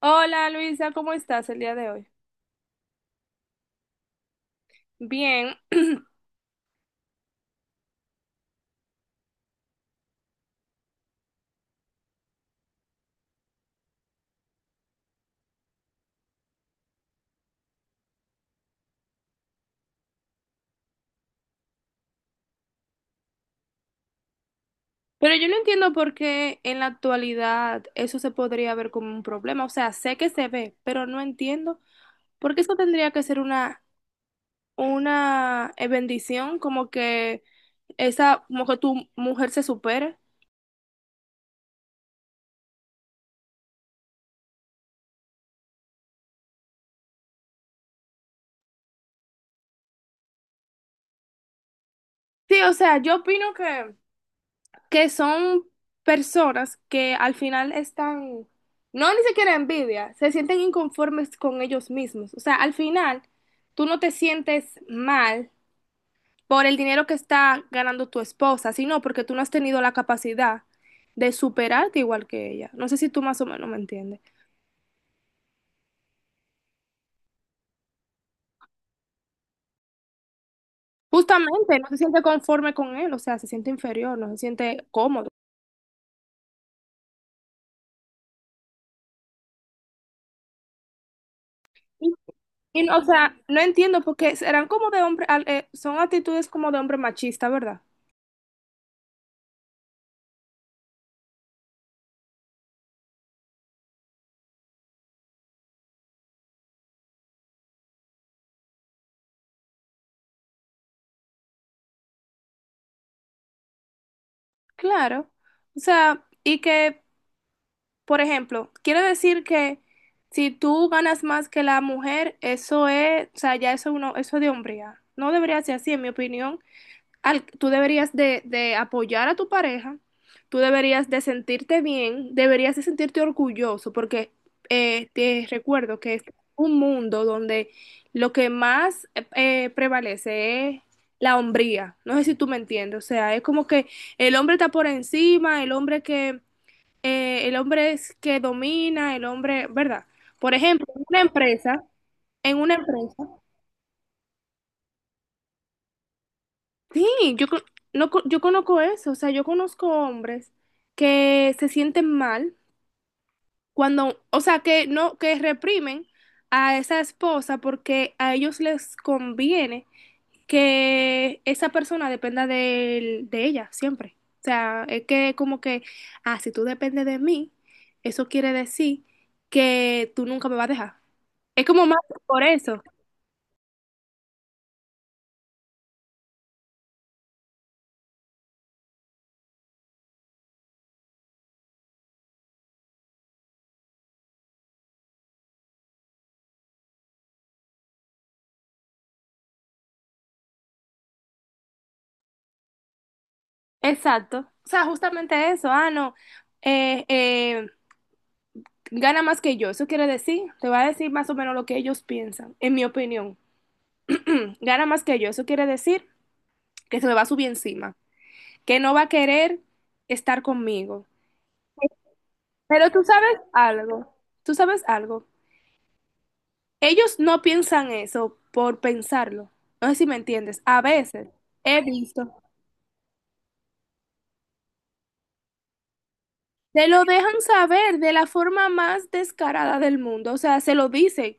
Hola Luisa, ¿cómo estás el día de hoy? Bien. Pero yo no entiendo por qué en la actualidad eso se podría ver como un problema. O sea, sé que se ve, pero no entiendo por qué eso tendría que ser una bendición, como que como que tu mujer se supere. Sí, o sea, yo opino que son personas que al final están, no ni siquiera envidia, se sienten inconformes con ellos mismos. O sea, al final tú no te sientes mal por el dinero que está ganando tu esposa, sino porque tú no has tenido la capacidad de superarte igual que ella. No sé si tú más o menos me entiendes. Justamente, no se siente conforme con él, o sea, se siente inferior, no se siente cómodo. Y, y, o sea, no entiendo porque serán como de hombre, son actitudes como de hombre machista, ¿verdad? Claro. O sea, y que, por ejemplo, quiere decir que si tú ganas más que la mujer, eso es, o sea, ya eso uno, eso es de hombría. No debería ser así, en mi opinión tú deberías de apoyar a tu pareja, tú deberías de sentirte bien, deberías de sentirte orgulloso, porque te recuerdo que es un mundo donde lo que más prevalece es la hombría. No sé si tú me entiendes, o sea, es como que el hombre está por encima, el hombre es que domina, el hombre, ¿verdad? Por ejemplo, en una empresa. Sí, yo, co- no, co- yo conozco eso, o sea, yo conozco hombres que se sienten mal cuando, o sea, que no, que reprimen a esa esposa porque a ellos les conviene que esa persona dependa de ella siempre. O sea, es que como que, si tú dependes de mí, eso quiere decir que tú nunca me vas a dejar. Es como más por eso. Exacto. O sea, justamente eso, no. eh, eh, Gana más que yo. Eso quiere decir, te va a decir más o menos lo que ellos piensan, en mi opinión. Gana más que yo. Eso quiere decir que se me va a subir encima, que no va a querer estar conmigo. Pero tú sabes algo, tú sabes algo. Ellos no piensan eso por pensarlo. No sé si me entiendes. A veces he visto, se lo dejan saber de la forma más descarada del mundo. O sea, se lo dicen.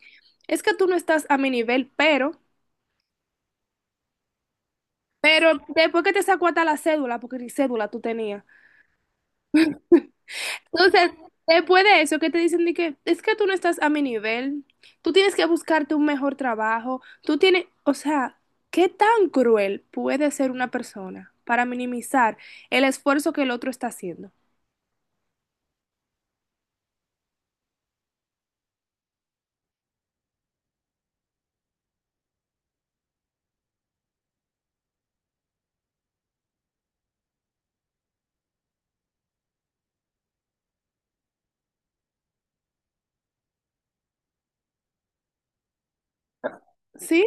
Es que tú no estás a mi nivel, pero después que te sacó hasta la cédula, porque ni cédula tú tenías. No, o sea, después de eso que te dicen de que es que tú no estás a mi nivel, tú tienes que buscarte un mejor trabajo, tú tienes, o sea, ¿qué tan cruel puede ser una persona para minimizar el esfuerzo que el otro está haciendo? Sí,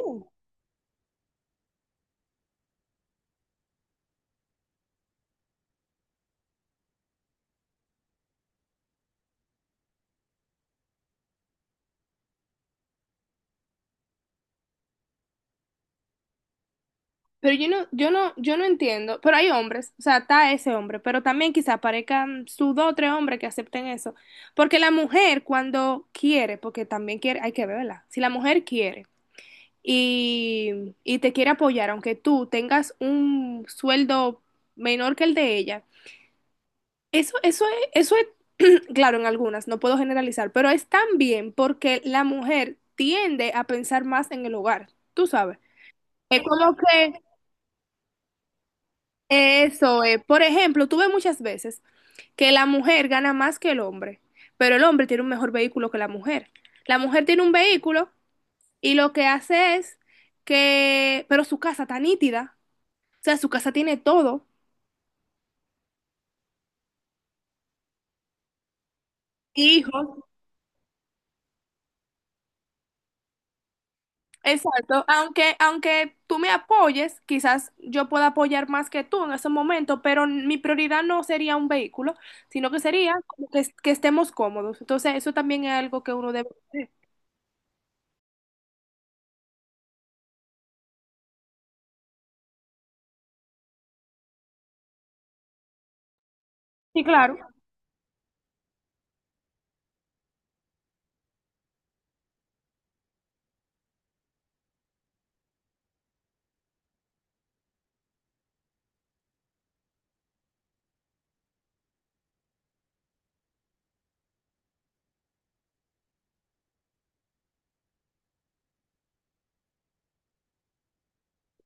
pero yo no entiendo, pero hay hombres, o sea, está ese hombre, pero también quizá aparezcan sus dos o tres hombres que acepten eso, porque la mujer cuando quiere, porque también quiere, hay que verla, si la mujer quiere, y te quiere apoyar, aunque tú tengas un sueldo menor que el de ella, eso, eso es, eso es, claro, en algunas, no puedo generalizar, pero es también porque la mujer tiende a pensar más en el hogar, tú sabes. Es como que eso es, por ejemplo, tú ves muchas veces que la mujer gana más que el hombre, pero el hombre tiene un mejor vehículo que la mujer. La mujer tiene un vehículo y lo que hace es que, pero su casa está nítida, o sea, su casa tiene todo, hijos, exacto. Aunque tú me apoyes, quizás yo pueda apoyar más que tú en ese momento, pero mi prioridad no sería un vehículo, sino que sería como que, que estemos cómodos. Entonces, eso también es algo que uno debe hacer. Sí, claro,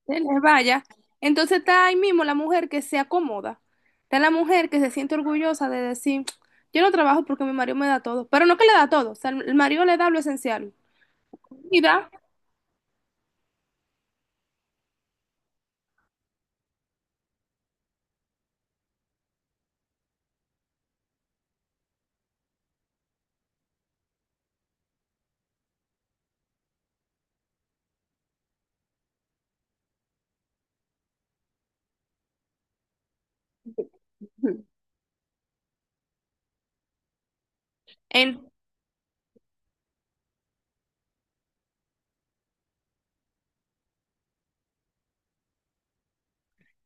se les vaya. Entonces está ahí mismo la mujer que se acomoda. Está la mujer que se siente orgullosa de decir, yo no trabajo porque mi marido me da todo. Pero no que le da todo, o sea, el marido le da lo esencial. y da En-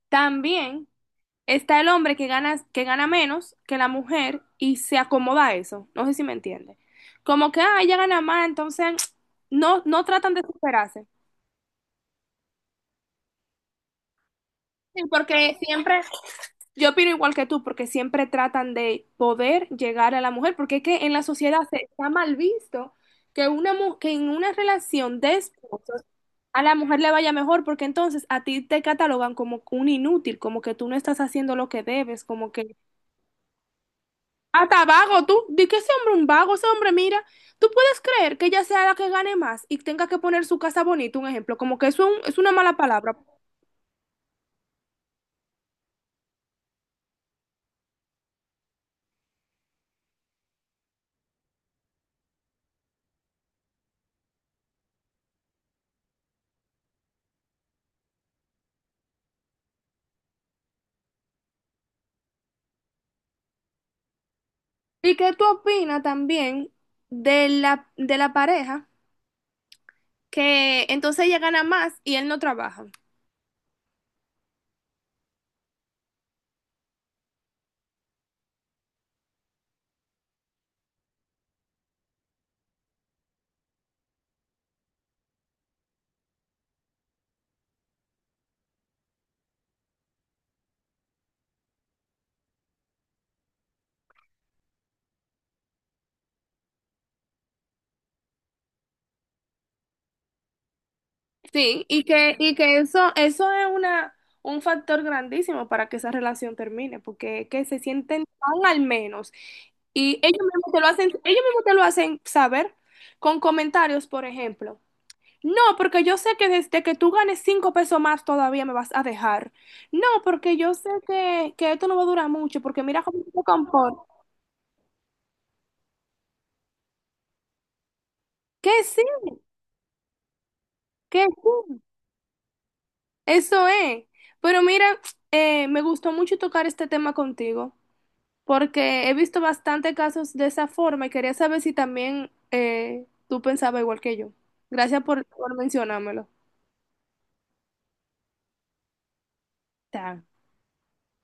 también está el hombre que gana menos que la mujer y se acomoda a eso. No sé si me entiende. Como que, ah, ella gana más, entonces no, no tratan de superarse. Sí, porque siempre, yo opino igual que tú, porque siempre tratan de poder llegar a la mujer, porque es que en la sociedad se está mal visto que, que en una relación de esposos a la mujer le vaya mejor, porque entonces a ti te catalogan como un inútil, como que tú no estás haciendo lo que debes, como que hasta vago, tú. Di que ese hombre un vago, ese hombre, mira, tú puedes creer que ella sea la que gane más y tenga que poner su casa bonita, un ejemplo, como que eso es es una mala palabra. ¿Y qué tú opinas también de la pareja que entonces ella gana más y él no trabaja? Sí, y que eso es una, un factor grandísimo para que esa relación termine, porque es que se sienten tan al menos. Y ellos mismos te lo hacen, ellos mismos te lo hacen saber con comentarios, por ejemplo. No, porque yo sé que desde que tú ganes 5 pesos más todavía me vas a dejar. No, porque yo sé que esto no va a durar mucho, porque mira cómo se comporta. Que sí, que sí. Eso es. Pero mira, me gustó mucho tocar este tema contigo, porque he visto bastante casos de esa forma y quería saber si también tú pensabas igual que yo. Gracias por mencionármelo. Está